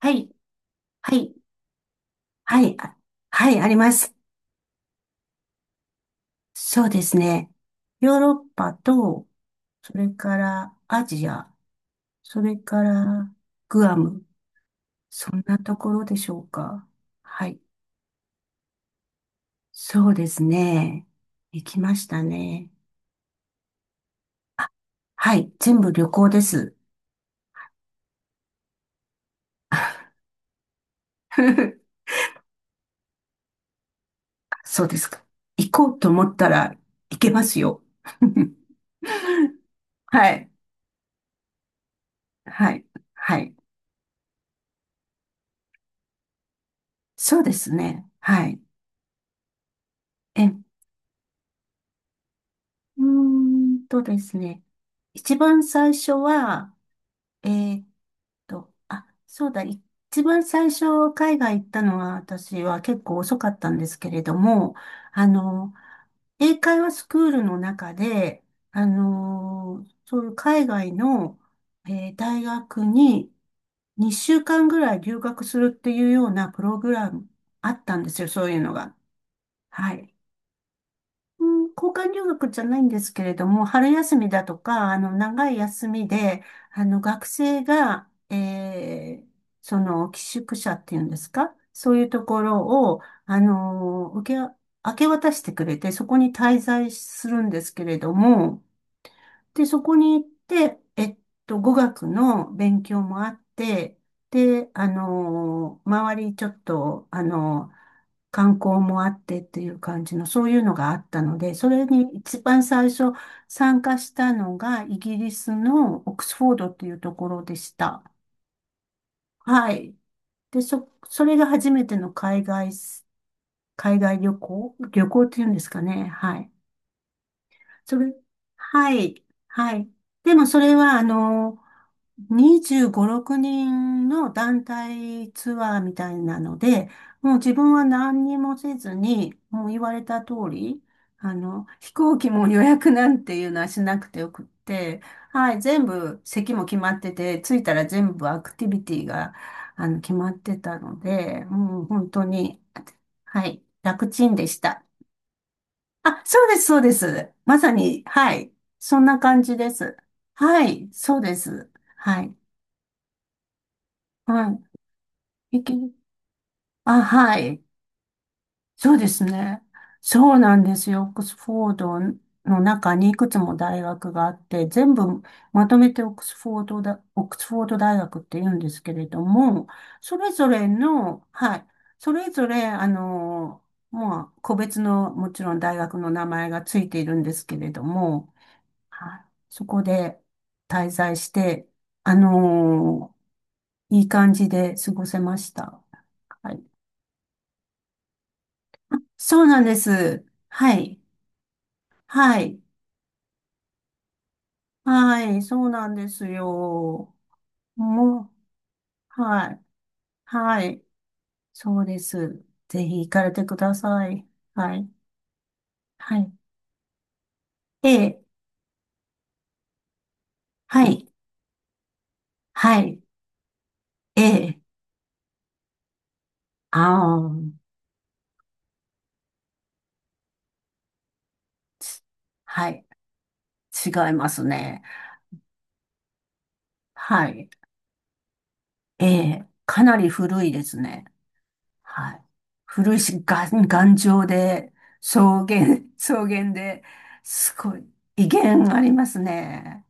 はい、はい、はい、あはい、あります。そうですね。ヨーロッパと、それからアジア、それからグアム、そんなところでしょうか。はい、そうですね。行きましたね。はい、全部旅行です。そうですか。行こうと思ったら行けますよ。はい、はい、はい。そうですね。はい。えうーんとですね。一番最初は、えーっあ、そうだ、一番最初海外行ったのは私は結構遅かったんですけれども、あの、英会話スクールの中で、そういう海外の、大学に2週間ぐらい留学するっていうようなプログラムあったんですよ、そういうのが。はい。うん、交換留学じゃないんですけれども、春休みだとか、長い休みで、学生が、その、寄宿舎っていうんですかそういうところを、明け渡してくれて、そこに滞在するんですけれども、で、そこに行って、語学の勉強もあって、で、周りちょっと、観光もあってっていう感じの、そういうのがあったので、それに一番最初参加したのが、イギリスのオックスフォードっていうところでした。はい。で、それが初めての海外旅行っていうんですかね。はい。それ、はい、はい。でもそれは、25、6人の団体ツアーみたいなので、もう自分は何にもせずに、もう言われた通り、飛行機も予約なんていうのはしなくてよくって、はい、全部席も決まってて、着いたら全部アクティビティが、決まってたので、もう本当に、はい、楽ちんでした。あ、そうです、そうです。まさに、はい。そんな感じです。はい、そうです。はい。はい。いけ、あ、はい。そうですね。そうなんですよ。オックスフォードの中にいくつも大学があって、全部まとめてオックスフォードだ、オックスフォード大学って言うんですけれども、それぞれの、はい。それぞれ、まあ、個別の、もちろん大学の名前がついているんですけれども、はい、そこで滞在して、あのいい感じで過ごせました。はい。そうなんです。はい。はい。はい。そうなんですよ。もう、はい。はい。そうです。ぜひ行かれてください。はい。はい。ええ。はい。はい。ええ。ああ。はい。違いますね。はい。ええ。かなり古いですね。はい。古いし、が頑丈で、草原、草原で、すごい、威厳ありますね。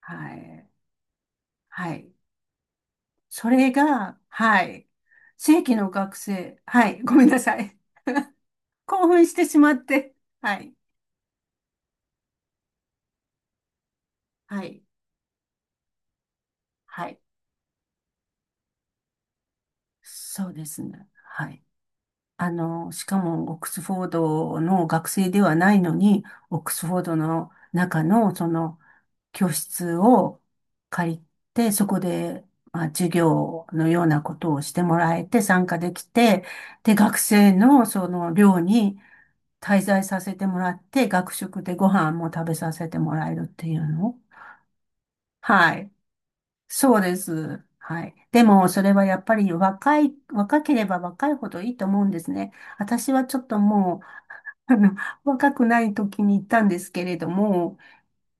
はい。はい。それが、はい。正規の学生。はい。ごめんなさい。興奮してしまって。はい。はい。はい。そうですね。はい。しかもオックスフォードの学生ではないのに、オックスフォードの中のその教室を借りて、そこで、まあ、授業のようなことをしてもらえて参加できて、で、学生のその寮に滞在させてもらって、学食でご飯も食べさせてもらえるっていうの。はい。そうです。はい。でも、それはやっぱり若ければ若いほどいいと思うんですね。私はちょっともう、あの若くない時に行ったんですけれども、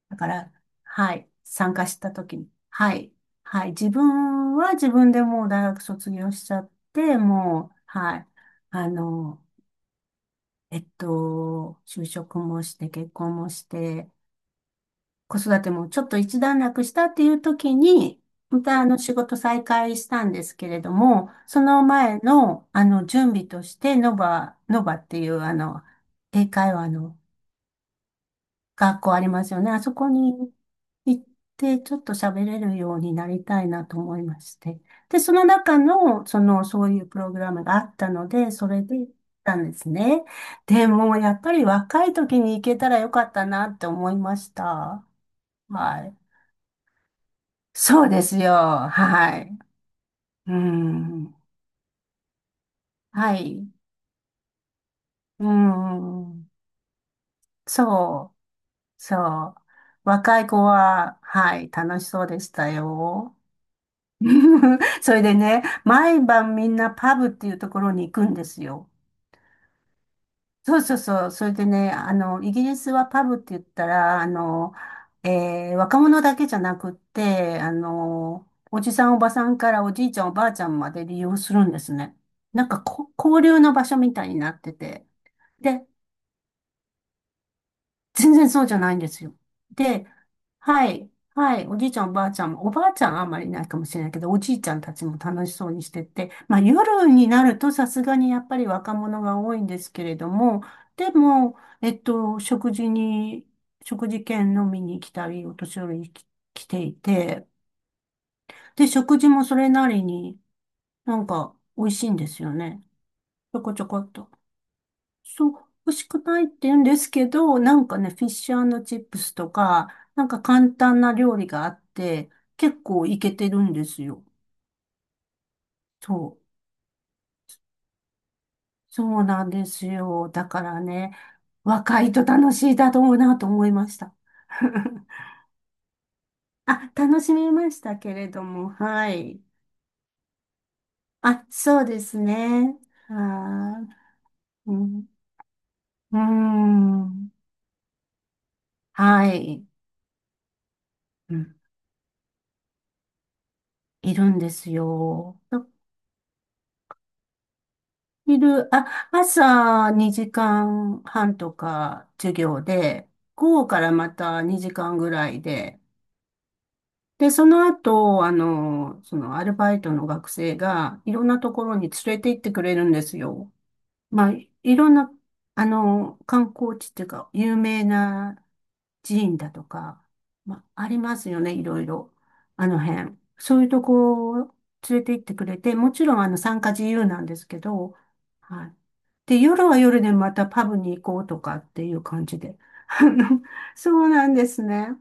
だから、はい、参加した時に、はい、はい、自分は自分でもう大学卒業しちゃって、もう、はい、あの、就職もして、結婚もして、子育てもちょっと一段落したっていう時に、また仕事再開したんですけれども、その前の準備として、ノバっていう英会話の学校ありますよね。あそこに行って、ちょっと喋れるようになりたいなと思いまして。で、その中の、その、そういうプログラムがあったので、それで行ったんですね。でも、やっぱり若い時に行けたらよかったなって思いました。はい。そうですよ。はい。うん。はい。うん。そう。そう。若い子は、はい、楽しそうでしたよ。それでね、毎晩みんなパブっていうところに行くんですよ。そうそうそう。それでね、イギリスはパブって言ったら、若者だけじゃなくって、おじさんおばさんからおじいちゃんおばあちゃんまで利用するんですね。なんかこ、交流の場所みたいになってて。全然そうじゃないんですよ。で、はい、はい、おじいちゃん、おばあちゃんも、おばあちゃんはあんまりいないかもしれないけど、おじいちゃんたちも楽しそうにしてて、まあ夜になるとさすがにやっぱり若者が多いんですけれども、でも、食事券飲みに来たり、お年寄りに来ていて、で、食事もそれなりになんか美味しいんですよね。ちょこちょこっと。そう、欲しくないって言うんですけど、なんかね、フィッシュチップスとか、なんか簡単な料理があって、結構いけてるんですよ。そう。そうなんですよ。だからね、若いと楽しいだろうなと思いました。あ、楽しみましたけれども、はい。あ、そうですね。はーい。うん。うーん、はい。うん、いるんですよ。昼、あ、朝2時間半とか授業で、午後からまた2時間ぐらいで、で、その後、そのアルバイトの学生がいろんなところに連れて行ってくれるんですよ。まあ、いいろんな、あの、観光地っていうか、有名な寺院だとか、まあ、ありますよね、いろいろ。あの辺。そういうとこを連れて行ってくれて、もちろん、参加自由なんですけど、はい。で、夜は夜でまたパブに行こうとかっていう感じで。あのそうなんですね。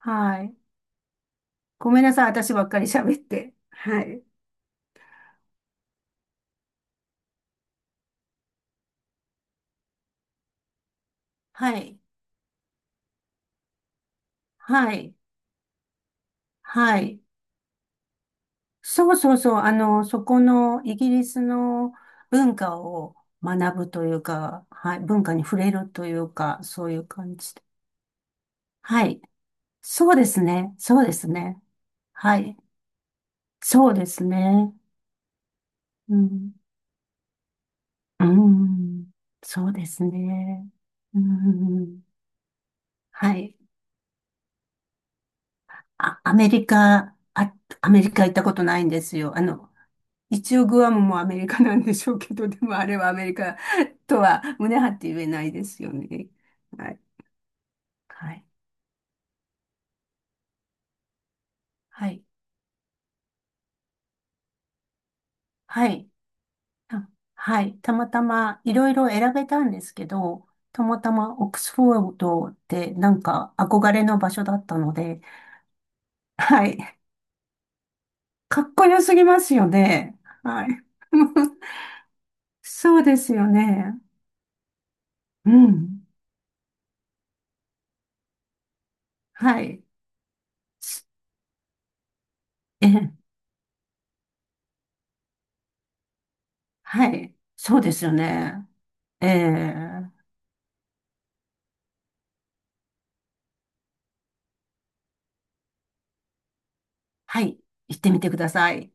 はい。ごめんなさい、私ばっかり喋って。はい。はい。はい。はい。そうそうそう、そこのイギリスの文化を学ぶというか、はい、文化に触れるというか、そういう感じで。はい。そうですね。そうですね。はい。そうですね。うん。うん。そうですね。うん。はい。あ、アメリカ行ったことないんですよ。一応グアムもアメリカなんでしょうけど、でもあれはアメリカとは胸張って言えないですよね。はい。はい。はい。はい。たはい。たまたまいろいろ選べたんですけど、たまたまオックスフォードってなんか憧れの場所だったので、はい。かっこよすぎますよね。はい。そうですよね。うん。はい。すええ、はい。そうですよね。ええ、はい、行ってみてください。